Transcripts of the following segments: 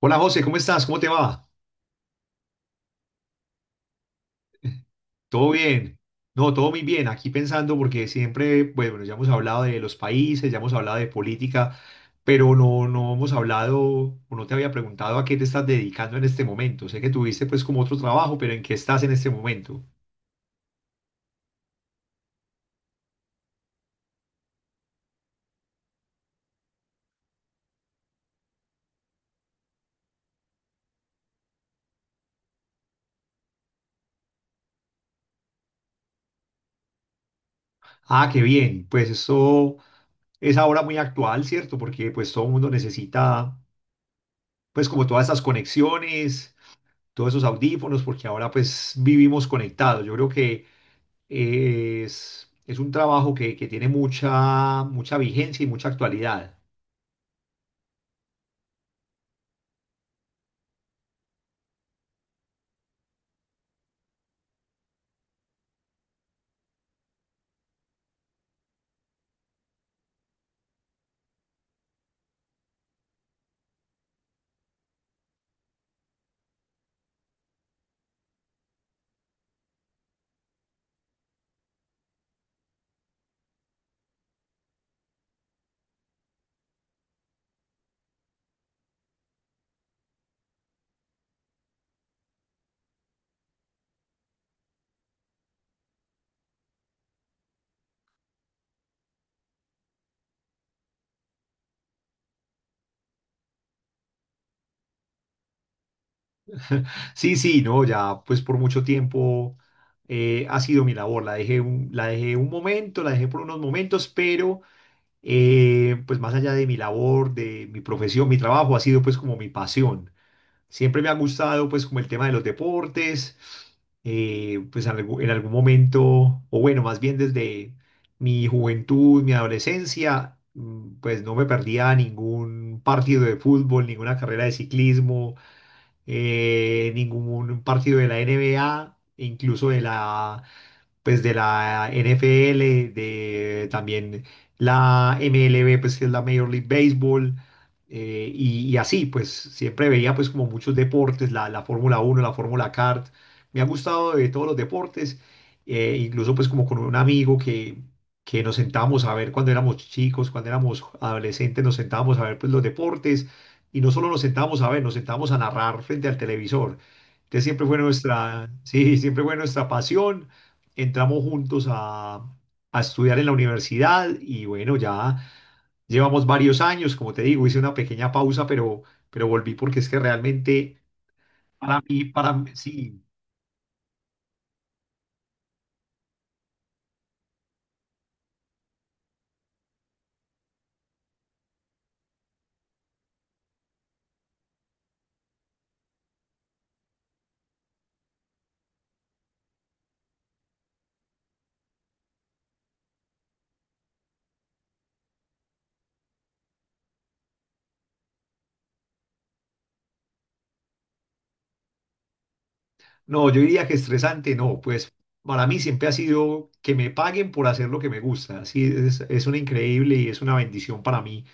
Hola José, ¿cómo estás? ¿Cómo te va? ¿Todo bien? No, todo muy bien. Aquí pensando porque siempre, pues, bueno, ya hemos hablado de los países, ya hemos hablado de política, pero no hemos hablado o no te había preguntado a qué te estás dedicando en este momento. Sé que tuviste pues como otro trabajo, pero ¿en qué estás en este momento? Ah, qué bien. Pues esto es ahora muy actual, ¿cierto? Porque pues todo el mundo necesita pues como todas esas conexiones, todos esos audífonos, porque ahora pues vivimos conectados. Yo creo que es un trabajo que tiene mucha, mucha vigencia y mucha actualidad. Sí, sí, no, ya pues por mucho tiempo ha sido mi labor. La dejé un momento, la dejé por unos momentos, pero pues más allá de mi labor, de mi profesión, mi trabajo ha sido pues como mi pasión. Siempre me ha gustado pues como el tema de los deportes, pues en algún momento, o bueno, más bien desde mi juventud, mi adolescencia, pues no me perdía ningún partido de fútbol, ninguna carrera de ciclismo, ningún partido de la N B NBA, incluso de la pues de la NFL, de también la MLB, pues que es la Major League Baseball, y así, pues siempre veía pues como muchos deportes, la Fórmula Uno, la Fórmula Kart, me ha gustado de todos los deportes, incluso pues como con un amigo que nos sentábamos a ver cuando éramos chicos, cuando éramos adolescentes, nos sentábamos a ver pues los deportes, y no solo nos sentábamos a ver, nos sentábamos a narrar frente al televisor. Entonces sí, siempre fue nuestra pasión. Entramos juntos a, estudiar en la universidad y bueno, ya llevamos varios años, como te digo, hice una pequeña pausa, pero, volví porque es que realmente, para mí, sí, no, yo diría que estresante, no, pues para mí siempre ha sido que me paguen por hacer lo que me gusta, sí, es una increíble y es una bendición para mí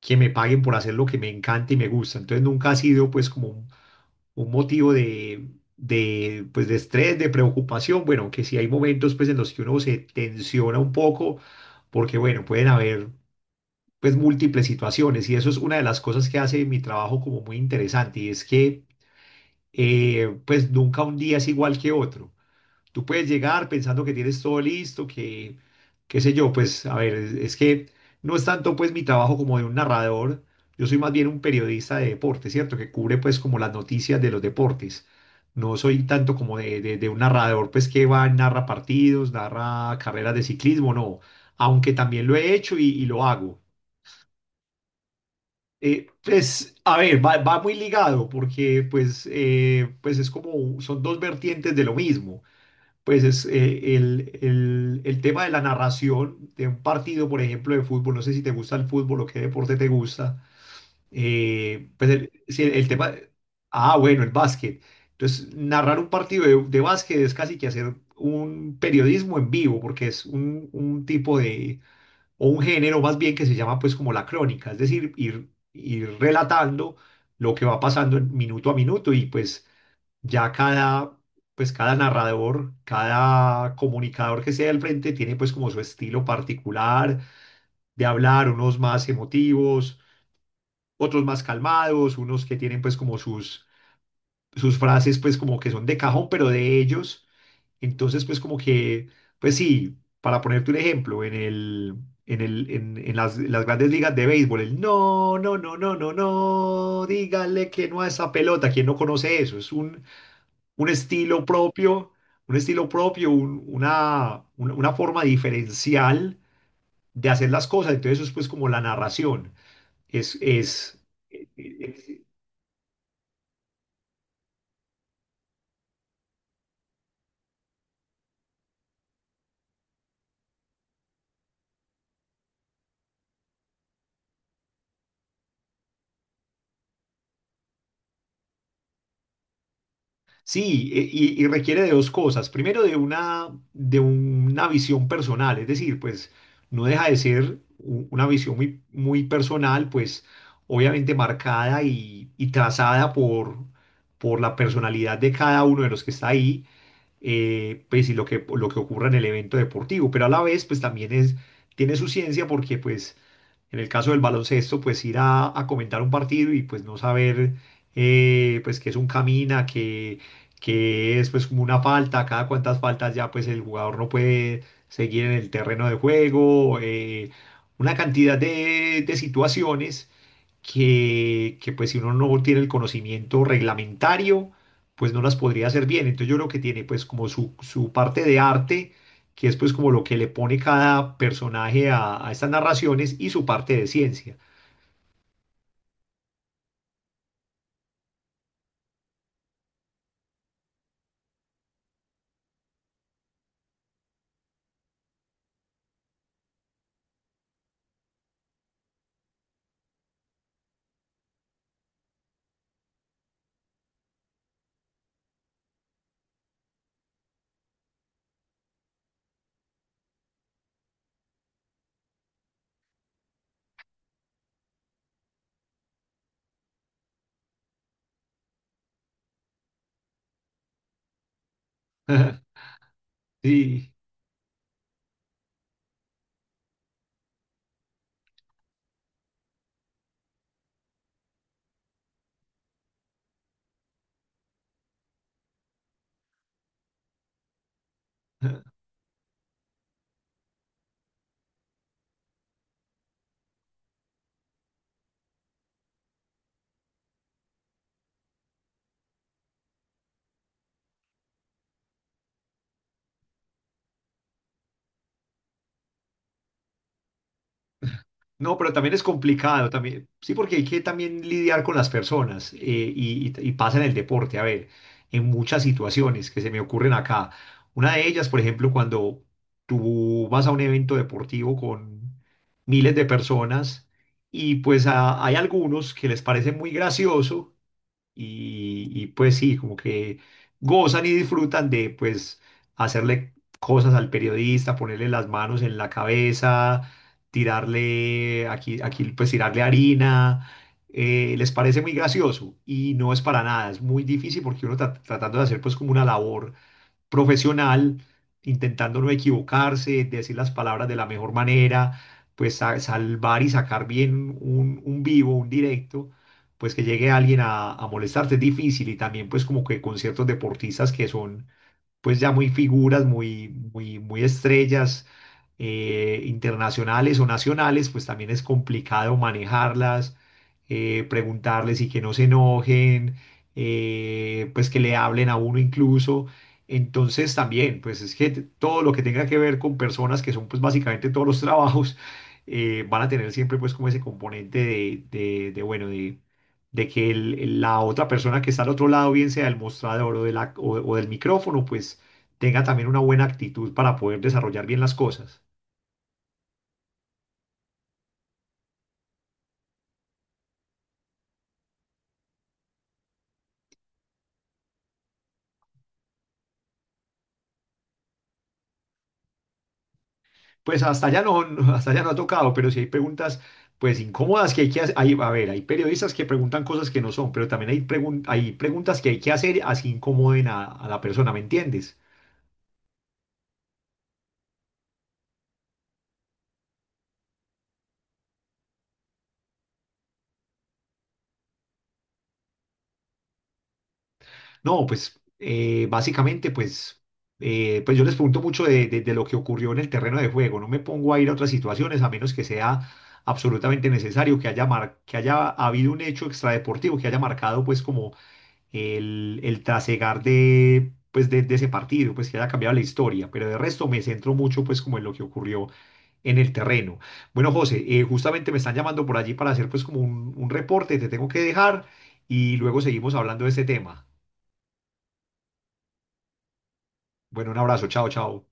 que me paguen por hacer lo que me encanta y me gusta, entonces nunca ha sido pues como un motivo de pues, de estrés, de preocupación. Bueno, que si hay momentos pues, en los que uno se tensiona un poco, porque bueno, pueden haber pues, múltiples situaciones y eso es una de las cosas que hace mi trabajo como muy interesante y es que pues nunca un día es igual que otro. Tú puedes llegar pensando que tienes todo listo, qué sé yo, pues a ver, es que no es tanto pues mi trabajo como de un narrador, yo soy más bien un periodista de deporte, ¿cierto? Que cubre pues como las noticias de los deportes. No soy tanto como de un narrador pues que va, narra partidos, narra carreras de ciclismo, no, aunque también lo he hecho y lo hago. Pues, a ver, va muy ligado porque pues, pues es como, son dos vertientes de lo mismo, pues es el tema de la narración de un partido, por ejemplo, de fútbol. No sé si te gusta el fútbol o qué deporte te gusta. Pues si el tema. Ah, bueno, el básquet. Entonces, narrar un partido de básquet es casi que hacer un periodismo en vivo, porque es un tipo de, o un género más bien, que se llama pues como la crónica, es decir, ir relatando lo que va pasando en minuto a minuto y pues ya cada narrador, cada comunicador que sea al frente tiene pues como su estilo particular de hablar, unos más emotivos, otros más calmados, unos que tienen pues como sus frases pues como que son de cajón, pero de ellos. Entonces pues como que, pues sí, para ponerte un ejemplo, en las grandes ligas de béisbol, el no, no, no, no, no, no, dígale que no a esa pelota, ¿quién no conoce eso? Es un estilo propio, un estilo propio, una forma diferencial de hacer las cosas. Entonces eso es pues como la narración. Es, es, eh, eh, sí, y requiere de dos cosas. Primero de una visión personal, es decir, pues no deja de ser una visión muy, muy personal, pues obviamente marcada y trazada por la personalidad de cada uno de los que está ahí, pues y lo que ocurra en el evento deportivo, pero a la vez pues también tiene su ciencia porque pues en el caso del baloncesto pues ir a comentar un partido y pues no saber pues que es un camina, que, es pues como una falta, cada cuantas faltas ya pues el jugador no puede seguir en el terreno de juego, una cantidad de situaciones que pues si uno no tiene el conocimiento reglamentario, pues no las podría hacer bien. Entonces yo creo que tiene pues como su parte de arte, que es pues como lo que le pone cada personaje a estas narraciones, y su parte de ciencia. Sí. No, pero también es complicado, también, sí, porque hay que también lidiar con las personas, y pasa en el deporte, a ver, en muchas situaciones que se me ocurren acá. Una de ellas, por ejemplo, cuando tú vas a un evento deportivo con miles de personas y pues hay algunos que les parece muy gracioso y pues sí, como que gozan y disfrutan de pues hacerle cosas al periodista, ponerle las manos en la cabeza, tirarle aquí, aquí pues tirarle harina. Les parece muy gracioso y no es para nada, es muy difícil porque uno tratando de hacer pues como una labor profesional, intentando no equivocarse, decir las palabras de la mejor manera, pues salvar y sacar bien un vivo, un directo, pues que llegue alguien a, molestarte es difícil, y también pues como que con ciertos deportistas que son pues ya muy figuras, muy, muy, muy estrellas, internacionales o nacionales, pues también es complicado manejarlas, preguntarles y que no se enojen, pues que le hablen a uno incluso. Entonces también, pues es que todo lo que tenga que ver con personas, que son pues básicamente todos los trabajos, van a tener siempre pues como ese componente bueno, de que la otra persona que está al otro lado, bien sea del mostrador o, de la- o del micrófono, pues tenga también una buena actitud para poder desarrollar bien las cosas. Pues hasta allá no. Hasta allá no ha tocado, pero si hay preguntas pues incómodas que hay que hacer. A ver, hay periodistas que preguntan cosas que no son, pero también hay preguntas que hay que hacer, así incomoden a la persona, ¿me entiendes? No, pues básicamente, pues, pues yo les pregunto mucho de lo que ocurrió en el terreno de juego. No me pongo a ir a otras situaciones a menos que sea absolutamente necesario, que haya, que haya habido un hecho extradeportivo que haya marcado pues como el trasegar pues, de ese partido, pues que haya cambiado la historia. Pero de resto me centro mucho pues como en lo que ocurrió en el terreno. Bueno, José, justamente me están llamando por allí para hacer pues como un reporte. Te tengo que dejar y luego seguimos hablando de este tema. Bueno, un abrazo, chao, chao.